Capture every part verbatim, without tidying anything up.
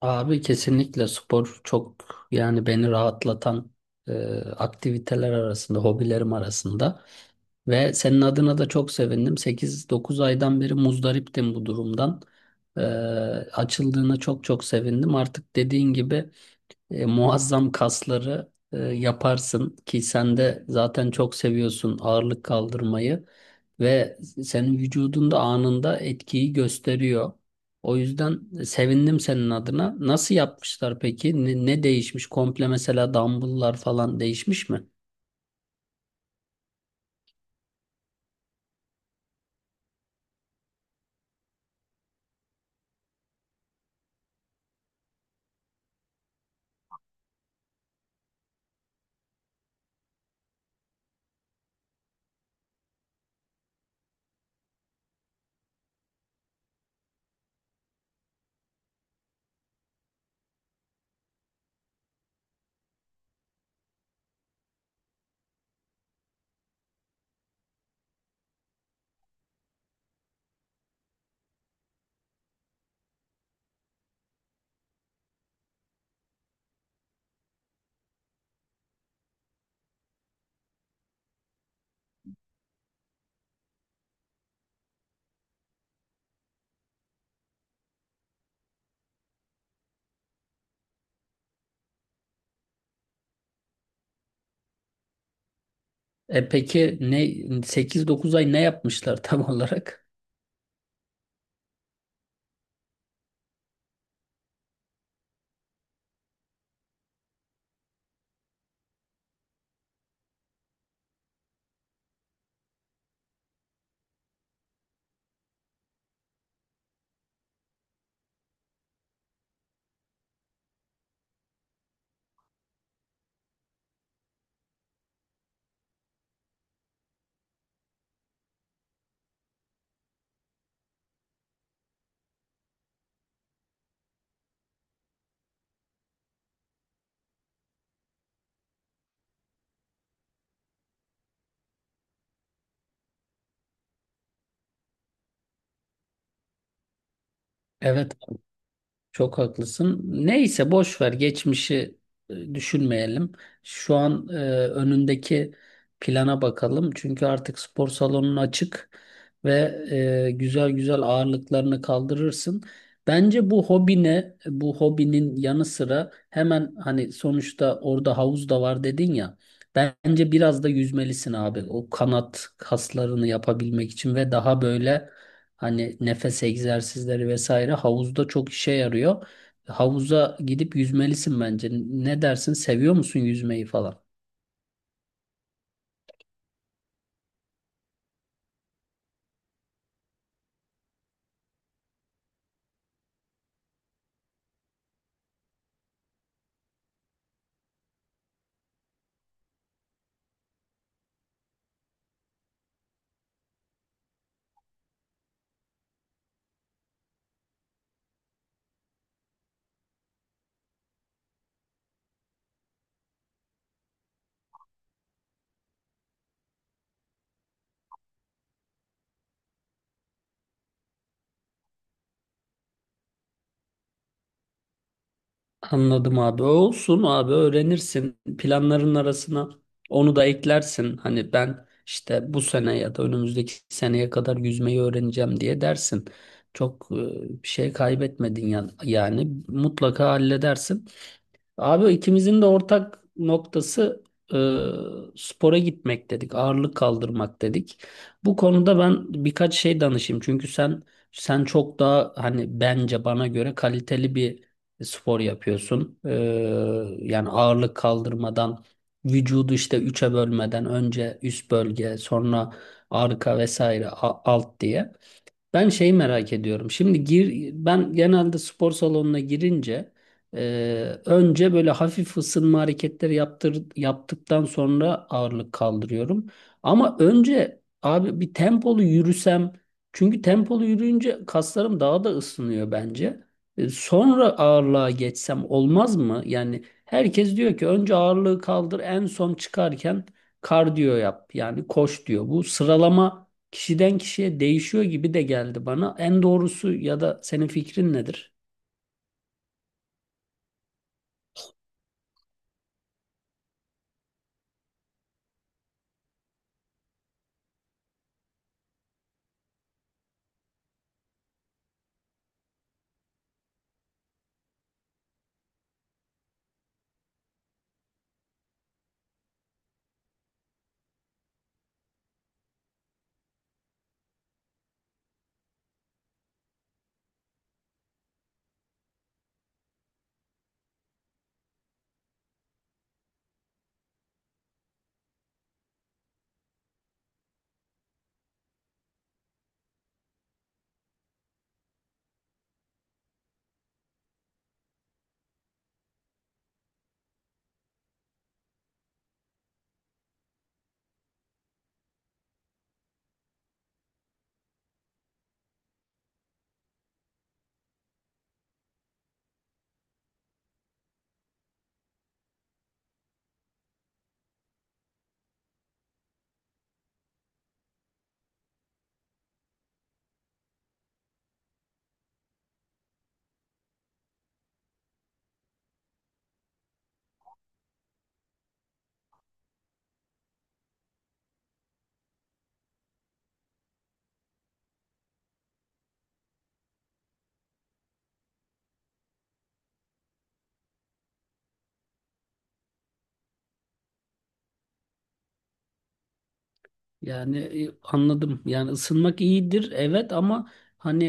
Abi kesinlikle spor çok, yani beni rahatlatan e, aktiviteler arasında, hobilerim arasında. Ve senin adına da çok sevindim. sekiz dokuz aydan beri muzdariptim bu durumdan. E, Açıldığına çok çok sevindim. Artık dediğin gibi e, muazzam kasları e, yaparsın ki sen de zaten çok seviyorsun ağırlık kaldırmayı ve senin vücudunda anında etkiyi gösteriyor. O yüzden sevindim senin adına. Nasıl yapmışlar peki? Ne, ne değişmiş? Komple mesela dumbbell'lar falan değişmiş mi? E peki ne sekiz dokuz ay ne yapmışlar tam olarak? Evet, çok haklısın. Neyse, boş ver geçmişi, e, düşünmeyelim. Şu an e, önündeki plana bakalım. Çünkü artık spor salonun açık ve e, güzel güzel ağırlıklarını kaldırırsın. Bence bu hobine, bu hobinin yanı sıra, hemen, hani, sonuçta orada havuz da var dedin ya. Bence biraz da yüzmelisin abi. O kanat kaslarını yapabilmek için ve daha böyle, hani, nefes egzersizleri vesaire havuzda çok işe yarıyor. Havuza gidip yüzmelisin bence. Ne dersin? Seviyor musun yüzmeyi falan? Anladım abi. Olsun abi, öğrenirsin. Planların arasına onu da eklersin. Hani ben işte bu sene ya da önümüzdeki seneye kadar yüzmeyi öğreneceğim diye dersin. Çok e, bir şey kaybetmedin yani. Yani mutlaka halledersin. Abi ikimizin de ortak noktası e, spora gitmek dedik, ağırlık kaldırmak dedik. Bu konuda ben birkaç şey danışayım. Çünkü sen sen çok daha, hani, bence bana göre kaliteli bir spor yapıyorsun. E, yani ağırlık kaldırmadan vücudu işte üçe bölmeden önce üst bölge, sonra arka vesaire a- alt diye. Ben şey merak ediyorum. Şimdi gir, ben genelde spor salonuna girince e, önce böyle hafif ısınma hareketleri yaptır, yaptıktan sonra ağırlık kaldırıyorum. Ama önce abi bir tempolu yürüsem, çünkü tempolu yürüyünce kaslarım daha da ısınıyor bence. E, sonra ağırlığa geçsem olmaz mı? Yani herkes diyor ki önce ağırlığı kaldır, en son çıkarken kardiyo yap, yani koş diyor. Bu sıralama kişiden kişiye değişiyor gibi de geldi bana. En doğrusu ya da senin fikrin nedir? Yani e, anladım. Yani ısınmak iyidir evet, ama hani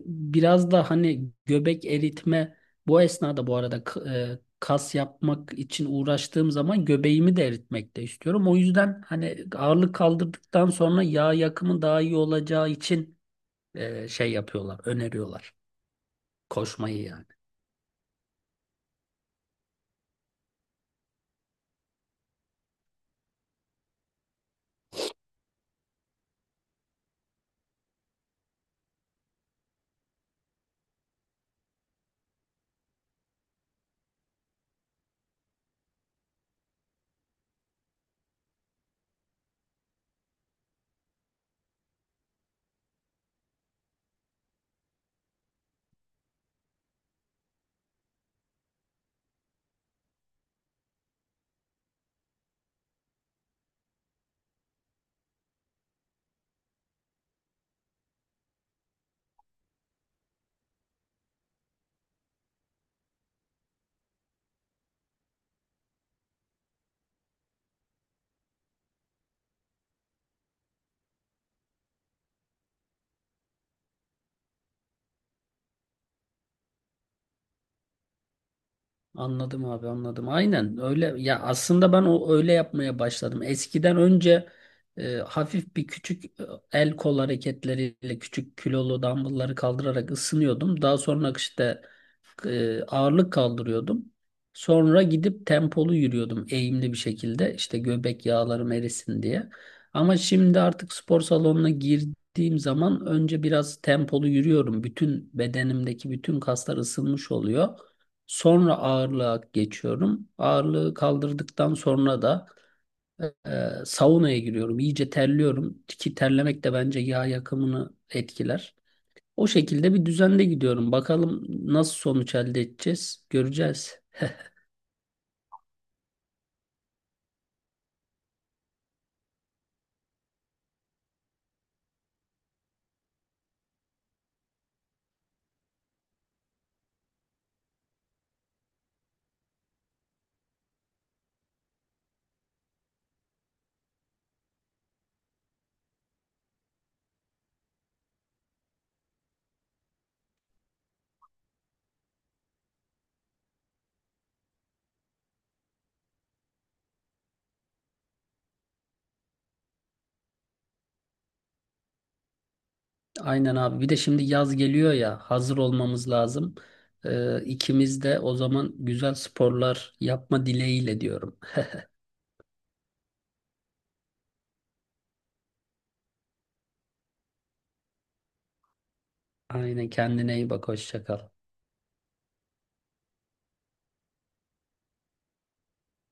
e, biraz da hani göbek eritme, bu esnada bu arada, k- e, kas yapmak için uğraştığım zaman göbeğimi de eritmek de istiyorum. O yüzden hani ağırlık kaldırdıktan sonra yağ yakımı daha iyi olacağı için e, şey yapıyorlar, öneriyorlar koşmayı yani. Anladım abi, anladım. Aynen öyle ya, aslında ben o öyle yapmaya başladım. Eskiden önce e, hafif bir küçük e, el kol hareketleriyle küçük kilolu dumbbellları kaldırarak ısınıyordum. Daha sonra işte e, ağırlık kaldırıyordum. Sonra gidip tempolu yürüyordum eğimli bir şekilde, işte göbek yağlarım erisin diye. Ama şimdi artık spor salonuna girdiğim zaman önce biraz tempolu yürüyorum. Bütün bedenimdeki bütün kaslar ısınmış oluyor. Sonra ağırlığa geçiyorum. Ağırlığı kaldırdıktan sonra da e, saunaya giriyorum. İyice terliyorum ki terlemek de bence yağ yakımını etkiler. O şekilde bir düzende gidiyorum. Bakalım nasıl sonuç elde edeceğiz, göreceğiz. Aynen abi. Bir de şimdi yaz geliyor ya, hazır olmamız lazım. E, ikimiz de o zaman güzel sporlar yapma dileğiyle diyorum. Aynen, kendine iyi bak, hoşça kal.